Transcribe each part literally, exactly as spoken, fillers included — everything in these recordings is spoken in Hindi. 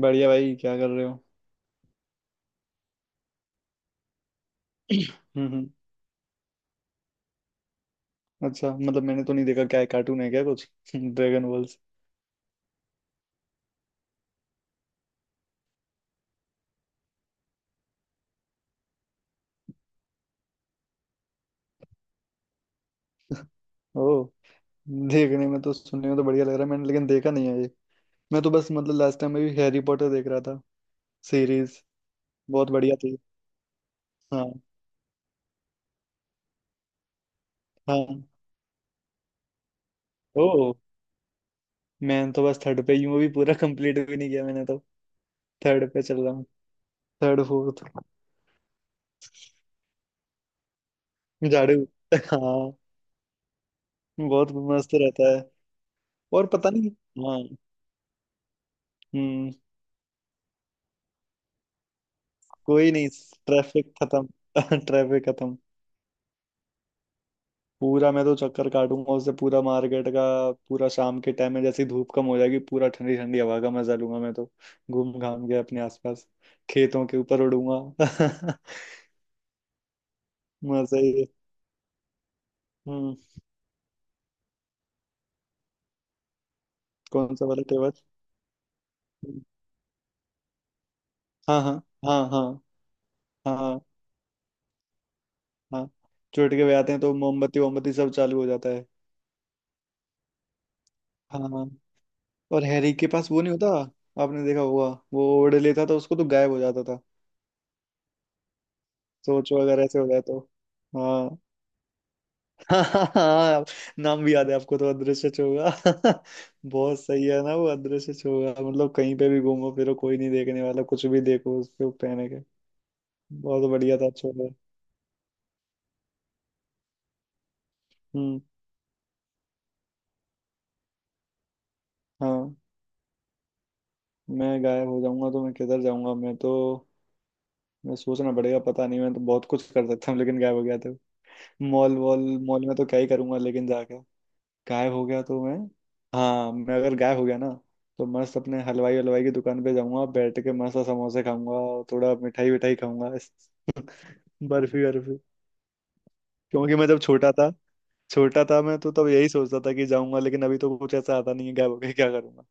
बढ़िया भाई, क्या कर रहे हो? हम्म, हम्म। अच्छा, मतलब मैंने तो नहीं देखा। क्या है? कार्टून है क्या कुछ? Dragon balls. ओ। देखने में तो, सुनने में तो बढ़िया लग रहा है, मैंने लेकिन देखा नहीं है ये। मैं तो बस मतलब लास्ट टाइम में भी हैरी पॉटर देख रहा था। सीरीज बहुत बढ़िया थी। हाँ, हाँ। ओ। मैं तो बस थर्ड पे ही हूँ, अभी पूरा कंप्लीट भी नहीं किया मैंने तो। थर्ड पे चल रहा हूँ। Third, fourth. झाड़ू? हाँ। बहुत मस्त रहता है। और पता नहीं। हाँ। हम्म। कोई नहीं। ट्रैफिक खत्म। ट्रैफिक खत्म। पूरा मैं तो चक्कर काटूंगा उससे, पूरा मार्केट का। पूरा शाम के टाइम में, जैसे ही धूप कम हो जाएगी, पूरा ठंडी ठंडी हवा का मजा लूंगा मैं तो। घूम घाम के अपने आसपास। खेतों के ऊपर उड़ूंगा। मजा ही है। हम्म। कौन सा वाला टेबल? हाँ, हाँ, हाँ, हाँ, हाँ, हाँ। चुटके बजाते हैं तो मोमबत्ती वोमबत्ती सब चालू हो जाता है। हाँ, हाँ। और हैरी के पास वो नहीं होता? आपने देखा होगा। वो ओढ़ लेता था, उसको तो गायब हो जाता था। सोचो अगर ऐसे हो जाए तो। हाँ। हाँ, हाँ। हाँ, नाम भी याद है आपको तो, अदृश्य चोगा। बहुत सही है ना वो अदृश्य चोगा। मतलब कहीं पे भी घूमो फिरो, कोई नहीं देखने वाला। कुछ भी देखो, उस पे वो पहने के। बहुत बढ़िया था चोगा। हम्म। हाँ। मैं गायब हो जाऊंगा तो मैं किधर जाऊंगा, मैं तो। मैं, सोचना पड़ेगा, पता नहीं। मैं तो बहुत कुछ कर सकता हूँ, लेकिन गायब हो गया था। मॉल वॉल। मॉल में तो क्या ही करूंगा, लेकिन जाके। गायब हो गया तो मैं। हाँ, मैं अगर गायब हो गया ना, तो मस्त अपने हलवाई हलवाई की दुकान पे जाऊंगा, बैठ के मस्त समोसे खाऊंगा, और थोड़ा मिठाई विठाई खाऊंगा। बर्फी बर्फी। क्योंकि मैं जब छोटा था, छोटा था मैं तो, तब यही सोचता था कि जाऊंगा, लेकिन अभी तो कुछ ऐसा आता नहीं है, गायब हो गया क्या करूंगा।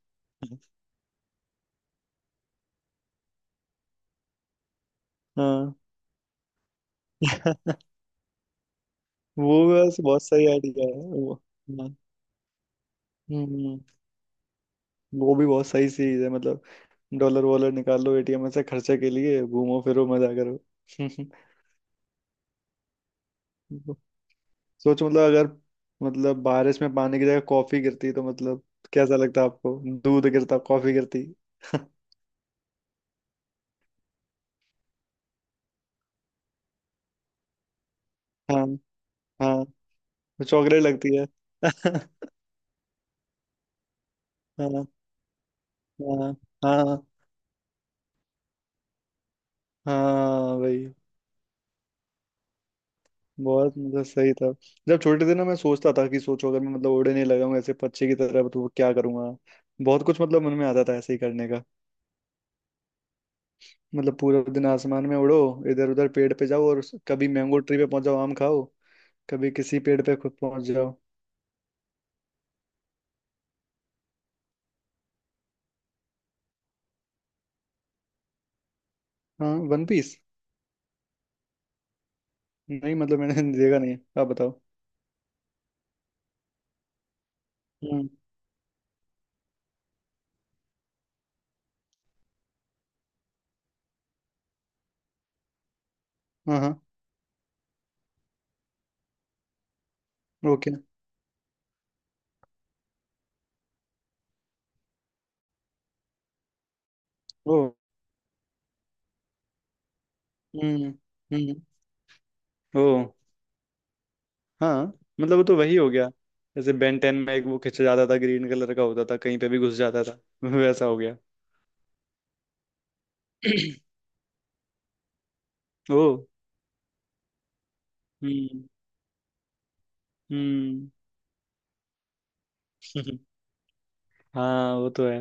हाँ। वो बस बहुत सही आइडिया है, वो। हाँ। हम्म। वो भी बहुत सही चीज है, मतलब। डॉलर वॉलर निकाल लो ए टी एम से, खर्चे के लिए घूमो फिरो, मजा करो। सोच, मतलब अगर, मतलब बारिश में पानी की जगह कॉफी गिरती, तो मतलब कैसा लगता आपको? दूध गिरता, कॉफी गिरती। हाँ, हाँ। चॉकलेट लगती है। हाँ, हाँ, हाँ। हाँ भाई। बहुत मतलब सही था। जब छोटे थे ना, मैं सोचता था कि सोचो अगर मैं मतलब उड़े नहीं लगाऊंगा ऐसे पक्षी की तरह, तो क्या करूंगा। बहुत कुछ मतलब मन में आता था ऐसे ही करने का। मतलब पूरा दिन आसमान में उड़ो, इधर उधर पेड़ पे जाओ, और कभी मैंगो ट्री पे पहुंच जाओ आम खाओ, कभी किसी पेड़ पे खुद पहुंच जाओ। हाँ, वन पीस। नहीं, मतलब मैंने देखा नहीं है, आप बताओ। हम्म। हाँ, हाँ। ओके। ओ। हम्म। हम्म। ओ। हाँ। मतलब वो तो वही हो गया, जैसे बेन टेन में एक वो खींचा जाता था, ग्रीन कलर का होता था, कहीं पे भी घुस जाता था। वैसा हो गया। ओ। हम्म, हम्म। हाँ, वो तो है।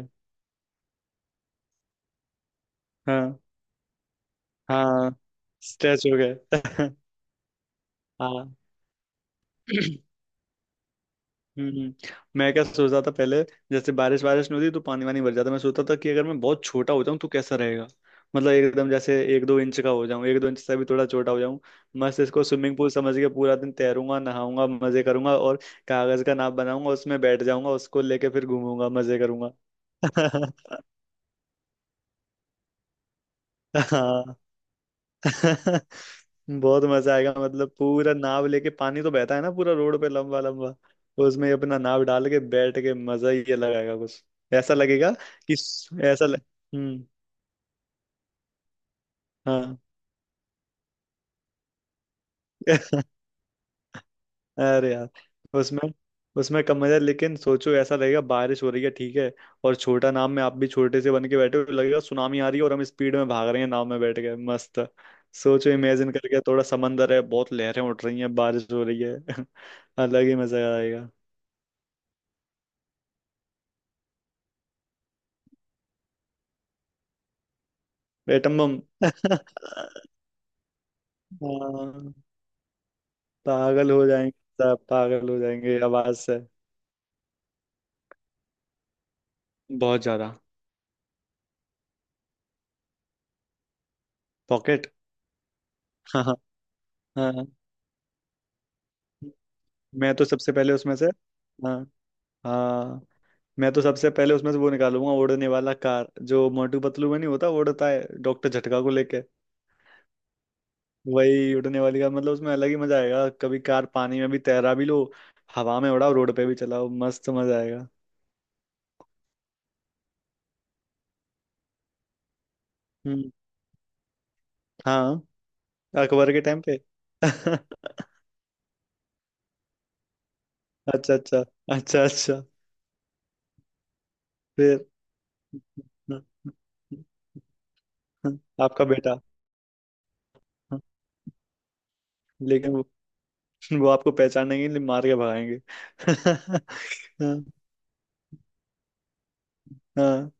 हाँ, हाँ, स्ट्रेच हो गए। हाँ। हम्म, हम्म। मैं क्या सोच रहा था पहले? जैसे बारिश बारिश नहीं होती तो पानी वानी भर जाता, मैं सोचता था कि अगर मैं बहुत छोटा हो जाऊं तो कैसा रहेगा। मतलब एकदम जैसे एक दो इंच का हो जाऊं, एक दो इंच से भी थोड़ा छोटा हो जाऊं। मस्त इसको स्विमिंग पूल समझ के पूरा दिन तैरूंगा, नहाऊंगा, मजे करूंगा, और कागज का नाव बनाऊंगा, उसमें बैठ जाऊंगा, उसको लेके फिर घूमूंगा, मजे करूंगा। हाँ। बहुत मजा आएगा, मतलब पूरा नाव लेके। पानी तो बहता है ना पूरा रोड पे, लंबा लंबा। उसमें अपना नाव डाल के बैठ के मजा ही अलग आएगा कुछ। ऐसा लगेगा कि ऐसा लग... हम्म। हाँ। अरे यार, उसमें, उसमें कम मजा है, लेकिन सोचो ऐसा लगेगा बारिश हो रही है, ठीक है, और छोटा नाव में आप भी छोटे से बन के बैठे हो, लगेगा सुनामी आ रही है, और हम स्पीड में भाग रहे हैं नाव में बैठ के, मस्त। सोचो, इमेजिन करके, थोड़ा समंदर है, बहुत लहरें उठ रही हैं, बारिश हो रही है। अलग ही मजा आएगा। Atom bomb. हाँ, पागल हो जाएंगे। सब पागल हो जाएंगे आवाज से। बहुत ज्यादा। पॉकेट? हाँ, हाँ, हाँ। हाँ। मैं तो सबसे पहले उसमें से, हाँ, हाँ, मैं तो सबसे पहले उसमें से वो निकालूंगा, उड़ने वाला कार जो मोटू पतलू में नहीं होता, वो उड़ता है डॉक्टर झटका को लेके। वही उड़ने वाली कार, मतलब उसमें अलग ही मजा आएगा, कभी कार पानी में भी तैरा भी लो, हवा में उड़ाओ, रोड पे भी चलाओ, मस्त मजा आएगा। हम्म। हाँ, अकबर के टाइम पे। अच्छा, अच्छा। अच्छा, अच्छा। फिर, आपका बेटा। लेकिन वो, वो आपको पहचानेंगे नहीं, मार के भगाएंगे। हाँ। हाँ।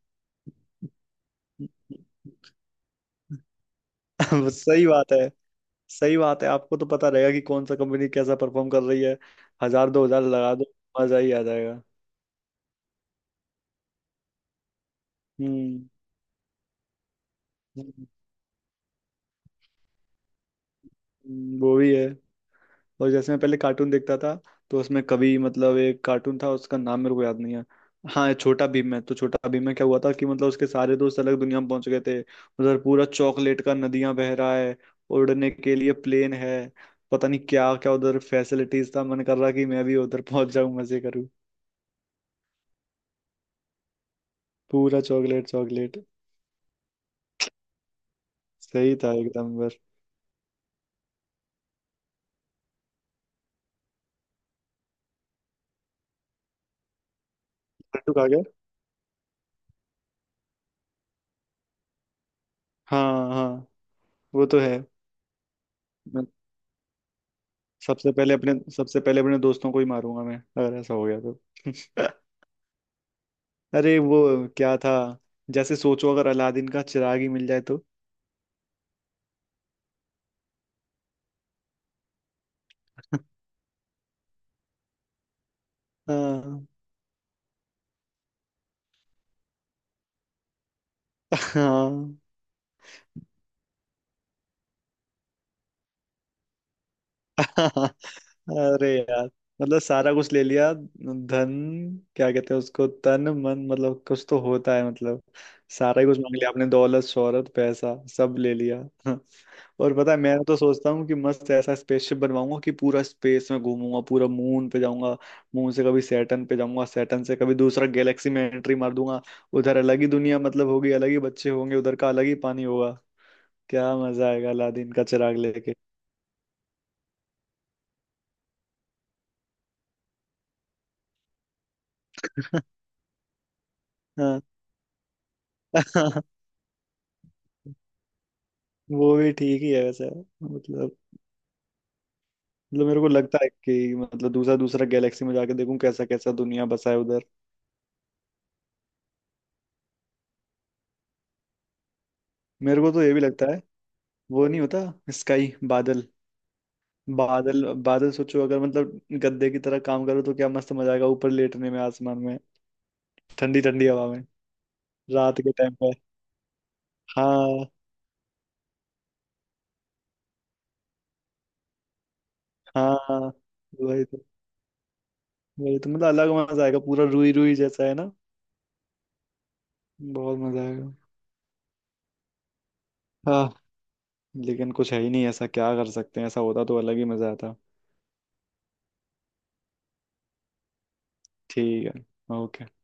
वो सही बात है। सही बात है, आपको तो पता रहेगा कि कौन सा कंपनी कैसा परफॉर्म कर रही है। हजार दो हजार लगा दो, मजा ही आ जाएगा। हम्म। हम्म, वो भी है। और जैसे मैं पहले कार्टून देखता था, तो उसमें कभी मतलब एक कार्टून था, उसका नाम मेरे को याद नहीं है। हाँ, छोटा भीम है। तो छोटा भीम में क्या हुआ था कि मतलब उसके सारे दोस्त अलग दुनिया में पहुंच गए थे, उधर पूरा चॉकलेट का नदियां बह रहा है, उड़ने के लिए प्लेन है, पता नहीं क्या क्या उधर फैसिलिटीज था। मन कर रहा कि मैं भी उधर पहुंच जाऊं, मजे करूं। पूरा चॉकलेट चॉकलेट। सही था एकदम, बस। लड्डू खा गया। हाँ, हाँ, वो तो है। मैं सबसे पहले अपने सबसे पहले अपने दोस्तों को ही मारूंगा मैं, अगर ऐसा हो गया तो। अरे वो क्या था, जैसे सोचो अगर अलादीन का चिराग ही मिल जाए तो। हाँ। हाँ। अरे यार, मतलब सारा कुछ ले लिया, धन, क्या कहते हैं उसको, तन मन, मतलब कुछ तो होता है मतलब। सारा ही कुछ मांग लिया आपने, दौलत, शोहरत, पैसा, सब ले लिया। और पता है, मैं तो सोचता हूँ कि मस्त ऐसा स्पेसशिप बनवाऊंगा कि पूरा स्पेस में घूमूंगा, पूरा मून पे जाऊंगा, मून से कभी सैटर्न पे जाऊंगा, सैटर्न से कभी दूसरा गैलेक्सी में एंट्री मार दूंगा, उधर अलग ही दुनिया मतलब होगी, अलग ही बच्चे होंगे उधर का, अलग ही पानी होगा। क्या मजा आएगा अलादीन का चिराग लेके। हाँ। वो भी ठीक ही है वैसे। मतलब मतलब मेरे को लगता है कि मतलब दूसरा दूसरा गैलेक्सी में जाके देखूं कैसा कैसा दुनिया बसा है उधर। मेरे को तो ये भी लगता है, वो नहीं होता, स्काई, बादल, बादल बादल, सोचो अगर मतलब गद्दे की तरह काम करो तो क्या मस्त मजा आएगा ऊपर लेटने में, आसमान में, ठंडी ठंडी हवा में। रात के टाइम पे। हाँ। हाँ, वही तो, वही तो मतलब अलग मजा आएगा, पूरा रुई रुई जैसा है ना, बहुत मजा आएगा। हाँ। लेकिन कुछ है ही नहीं ऐसा, क्या कर सकते हैं। ऐसा होता तो अलग ही मजा आता। ठीक है। ओके।